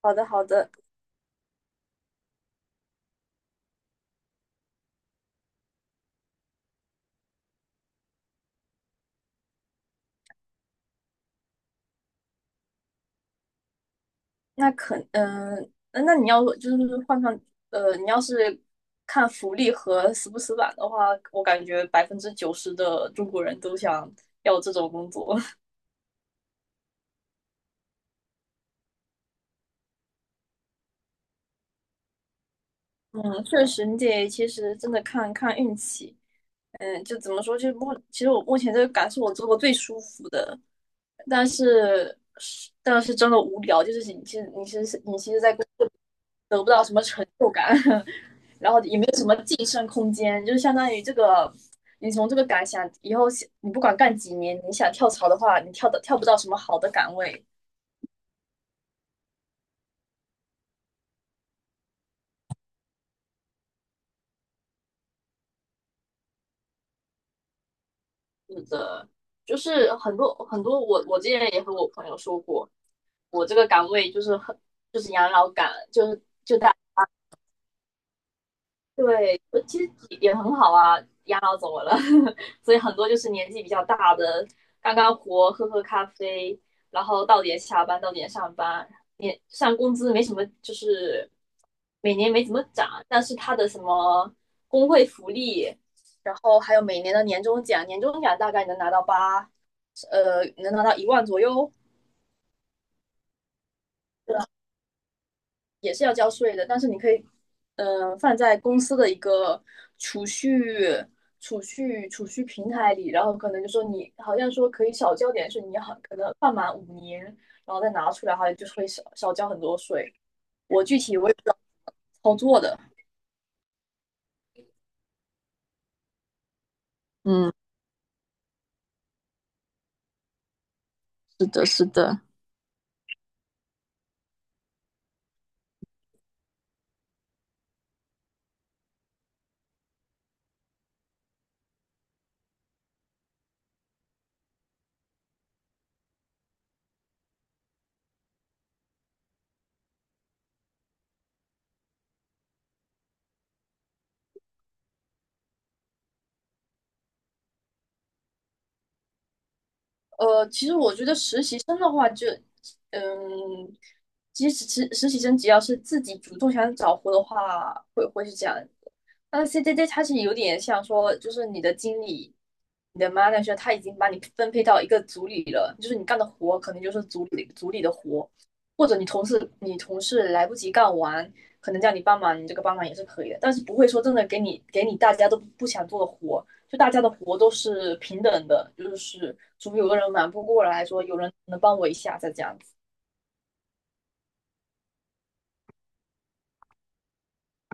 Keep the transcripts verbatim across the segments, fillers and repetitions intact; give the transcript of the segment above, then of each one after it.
好的，好的，那可嗯、那那你要就是换上，呃，你要是看福利和死不死板的话，我感觉百分之九十的中国人都想要这种工作。嗯，确实，你得其实真的看看运气。嗯，就怎么说，就目其实我目前这个岗是我做过最舒服的，但是但是真的无聊，就是你其实你其实你其实在工作得不到什么成就感，然后也没有什么晋升空间，就是相当于这个你从这个岗想以后你不管干几年，你想跳槽的话，你跳的跳不到什么好的岗位。是的，就是很多很多我我之前也和我朋友说过，我这个岗位就是很就是养老岗。就是就大对，呃其实也很好啊，养老怎么了？所以很多就是年纪比较大的，干干活，喝喝咖啡，然后到点下班，到点上班，年上工资没什么，就是每年没怎么涨，但是他的什么工会福利，然后还有每年的年终奖，年终奖大概能拿到八，呃，能拿到一万左右，也是要交税的，但是你可以，嗯，放在公司的一个储蓄、储蓄、储蓄平台里，然后可能就说你好像说可以少交点税，你好可能放满五年，然后再拿出来，好像就会少少交很多税。我具体我也不知道操作的，嗯，是的，是的，呃，其实我觉得实习生的话就，嗯，其实实实习生只要是自己主动想找活的话，会会是这样。那 C D D 它是有点像说，就是你的经理、你的 manager，他已经把你分配到一个组里了，就是你干的活可能就是组里组里的活，或者你同事你同事来不及干完，可能叫你帮忙，你这个帮忙也是可以的，但是不会说真的给你给你大家都不想做的活，就大家的活都是平等的，就是除非有个人忙不过来说，有人能帮我一下再这样子。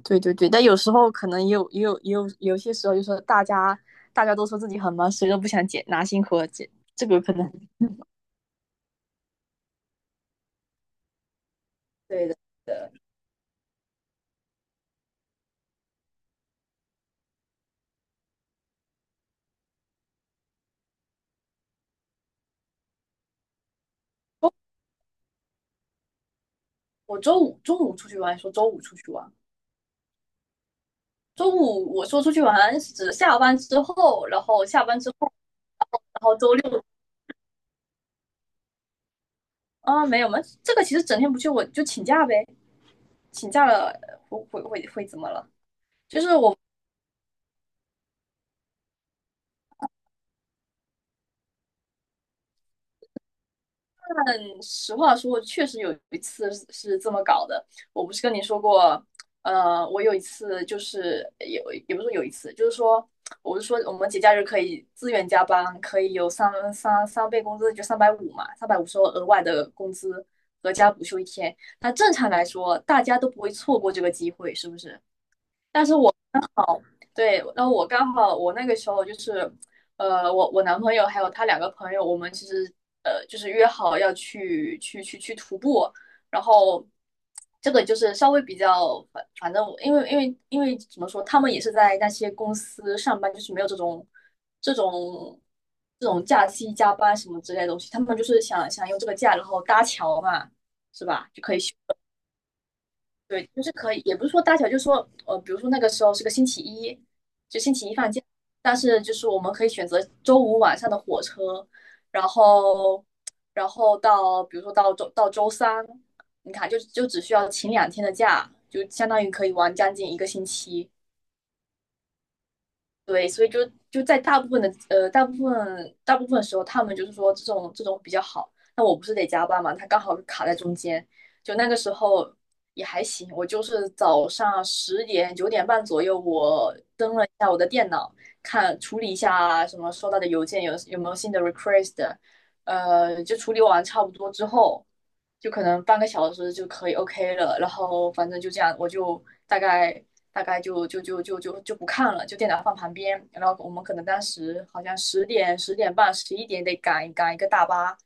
对对对，但有时候可能也有也有也有有些时候，就是大家大家都说自己很忙，谁都不想解拿辛苦了解，这个可能对的，对。我周五中午出去玩，说周五出去玩。周五我说出去玩是指下班之后，然后下班之后，然后周六啊，没有吗？这个其实整天不去我就请假呗，请假了会会会会怎么了？但实话说，确实有一次是是这么搞的。我不是跟你说过，呃，我有一次就是有，也不是说有一次，就是说，我是说我们节假日可以自愿加班，可以有三三三倍工资，就三百五嘛，三百五是额外的工资，和加补休一天。那正常来说，大家都不会错过这个机会，是不是？好，对，然后我刚好我那个时候就是，呃，我我男朋友还有他两个朋友，我们其实呃就是约好要去去去去徒步，然后这个就是稍微比较反反正因为因为因为怎么说，他们也是在那些公司上班，就是没有这种这种这种假期加班什么之类的东西，他们就是想想用这个假然后搭桥嘛，是吧？就可以休。对，就是可以，也不是说大小，就是说，呃，比如说那个时候是个星期一，就星期一放假，但是就是我们可以选择周五晚上的火车，然后，然后到比如说到周到周三，你看就就只需要请两天的假，就相当于可以玩将近一个星期。对，所以就就在大部分的呃大部分大部分时候，他们就是说这种这种比较好。那我不是得加班嘛，他刚好卡在中间，就那个时候也还行。我就是早上十点九点半左右，我登了一下我的电脑，看处理一下什么收到的邮件有有没有新的 request，呃，就处理完差不多之后，就可能半个小时就可以 OK 了。然后反正就这样，我就大概。大概就就就就就就不看了，就电脑放旁边。然后我们可能当时好像十点、十点半、十一点得赶赶一个大巴，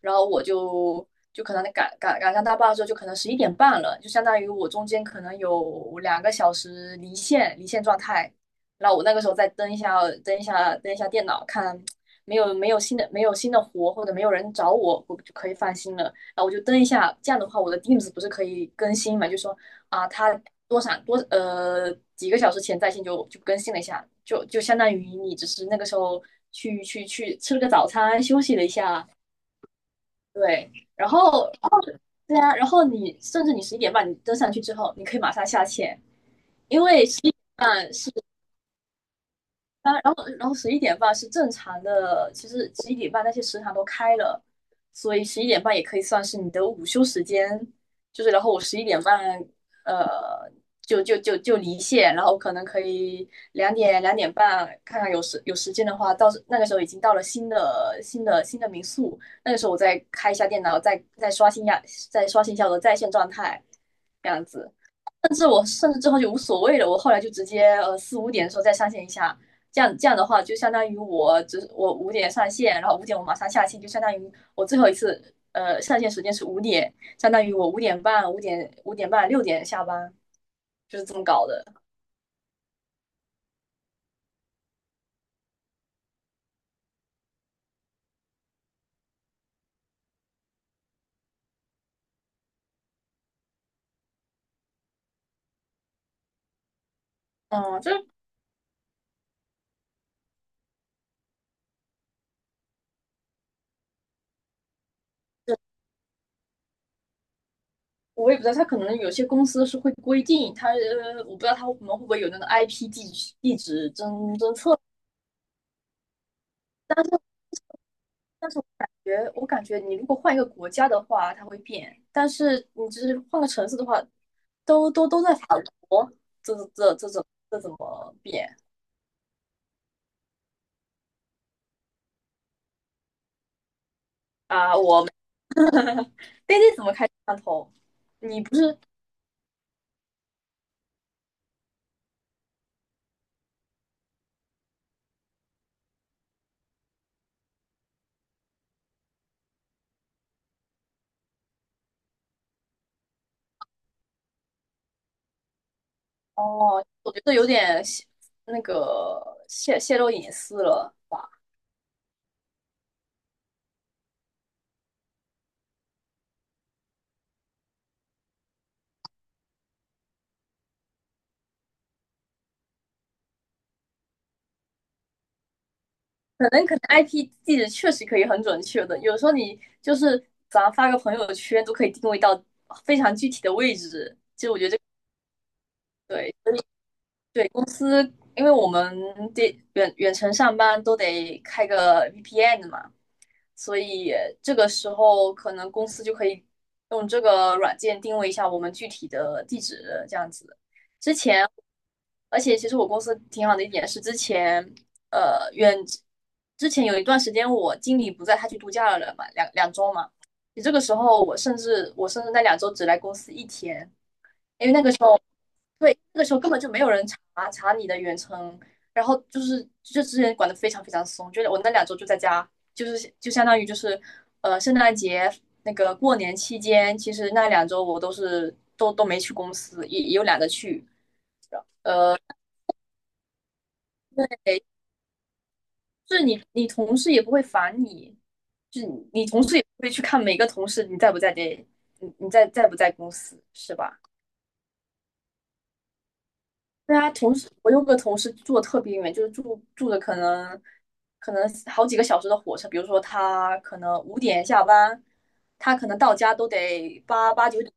然后我就就可能赶赶赶上大巴的时候，就可能十一点半了，就相当于我中间可能有两个小时离线离线状态。然后我那个时候再登一下登一下登一下电脑，看没有没有新的没有新的活或者没有人找我，我就可以放心了。啊，我就登一下，这样的话我的 Teams 不是可以更新嘛？就说啊，他多少多呃几个小时前在线就就更新了一下，就就相当于你只是那个时候去去去吃了个早餐，休息了一下，对，然后然后 对啊，然后你甚至你十一点半你登上去之后，你可以马上下线，因为十一点半是当然，然后然后十一点半是正常的，其实十一点半那些食堂都开了，所以十一点半也可以算是你的午休时间。就是然后我十一点半，呃，就就就就离线，然后可能可以两点两点半看看有时有时间的话，到那个时候已经到了新的新的新的民宿，那个时候我再开一下电脑，再再刷新一下再刷新一下我的在线状态，这样子。甚至我甚至之后就无所谓了，我后来就直接呃四五点的时候再上线一下，这样这样的话就相当于我只我五点上线，然后五点我马上下线，就相当于我最后一次呃上线时间是五点，相当于我五点半、五点五点半、六点下班，就是这么搞的。嗯，就是我也不知道，他可能有些公司是会规定，他呃我不知道他们会不会有那个 I P 地址地址侦侦测，但是。但是我感觉，我感觉你如果换一个国家的话，它会变；但是你只是换个城市的话，都都都在法国，这这这这怎这怎么变啊？我们 d a 怎么开摄像头？你不是哦？我觉得有点泄那个泄泄露隐私了吧？可能可能 I P 地址确实可以很准确的，有时候你就是咱发个朋友圈都可以定位到非常具体的位置。对，对，公司，因为我们得远远程上班都得开个 V P N 的嘛，所以这个时候可能公司就可以用这个软件定位一下我们具体的地址，这样子。之前，而且其实我公司挺好的一点是，之前呃远之前有一段时间我经理不在，他去度假了嘛，两两周嘛。你这个时候我甚至我甚至那两周只来公司一天，因为那个时候。对，那个时候根本就没有人查查你的远程，然后就是就之前管得非常非常松，就是我那两周就在家，就是就相当于就是呃圣诞节那个过年期间，其实那两周我都是都都没去公司，也也有懒得去。对，就是你你同事也不会烦你，就是你同事也不会去看每个同事你在不在这，你你在在不在公司，是吧？对啊，同事我有个同事住的特别远，就是住住的可能可能好几个小时的火车，比如说他可能五点下班，他可能到家都得八八九点，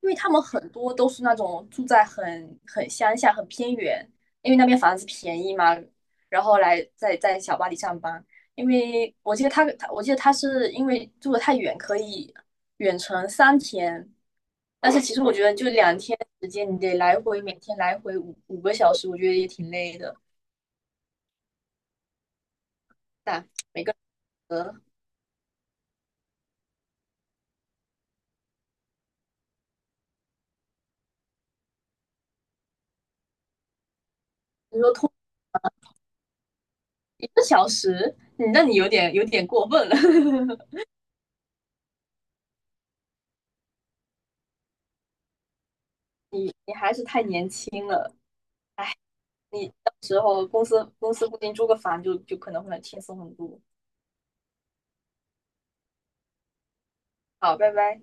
因为他们很多都是那种住在很很乡下、很偏远，因为那边房子便宜嘛，然后来在在小巴黎上班。因为我记得他，他我记得他是因为住的太远，可以远程三天。但是其实我觉得就两天时间，你得来回每天来回五五个小时，我觉得也挺累的。但每个人一个小时，你那你有点有点过分了，你你还是太年轻了。你到时候公司公司固定租个房就就可能会轻松很多。好，拜拜。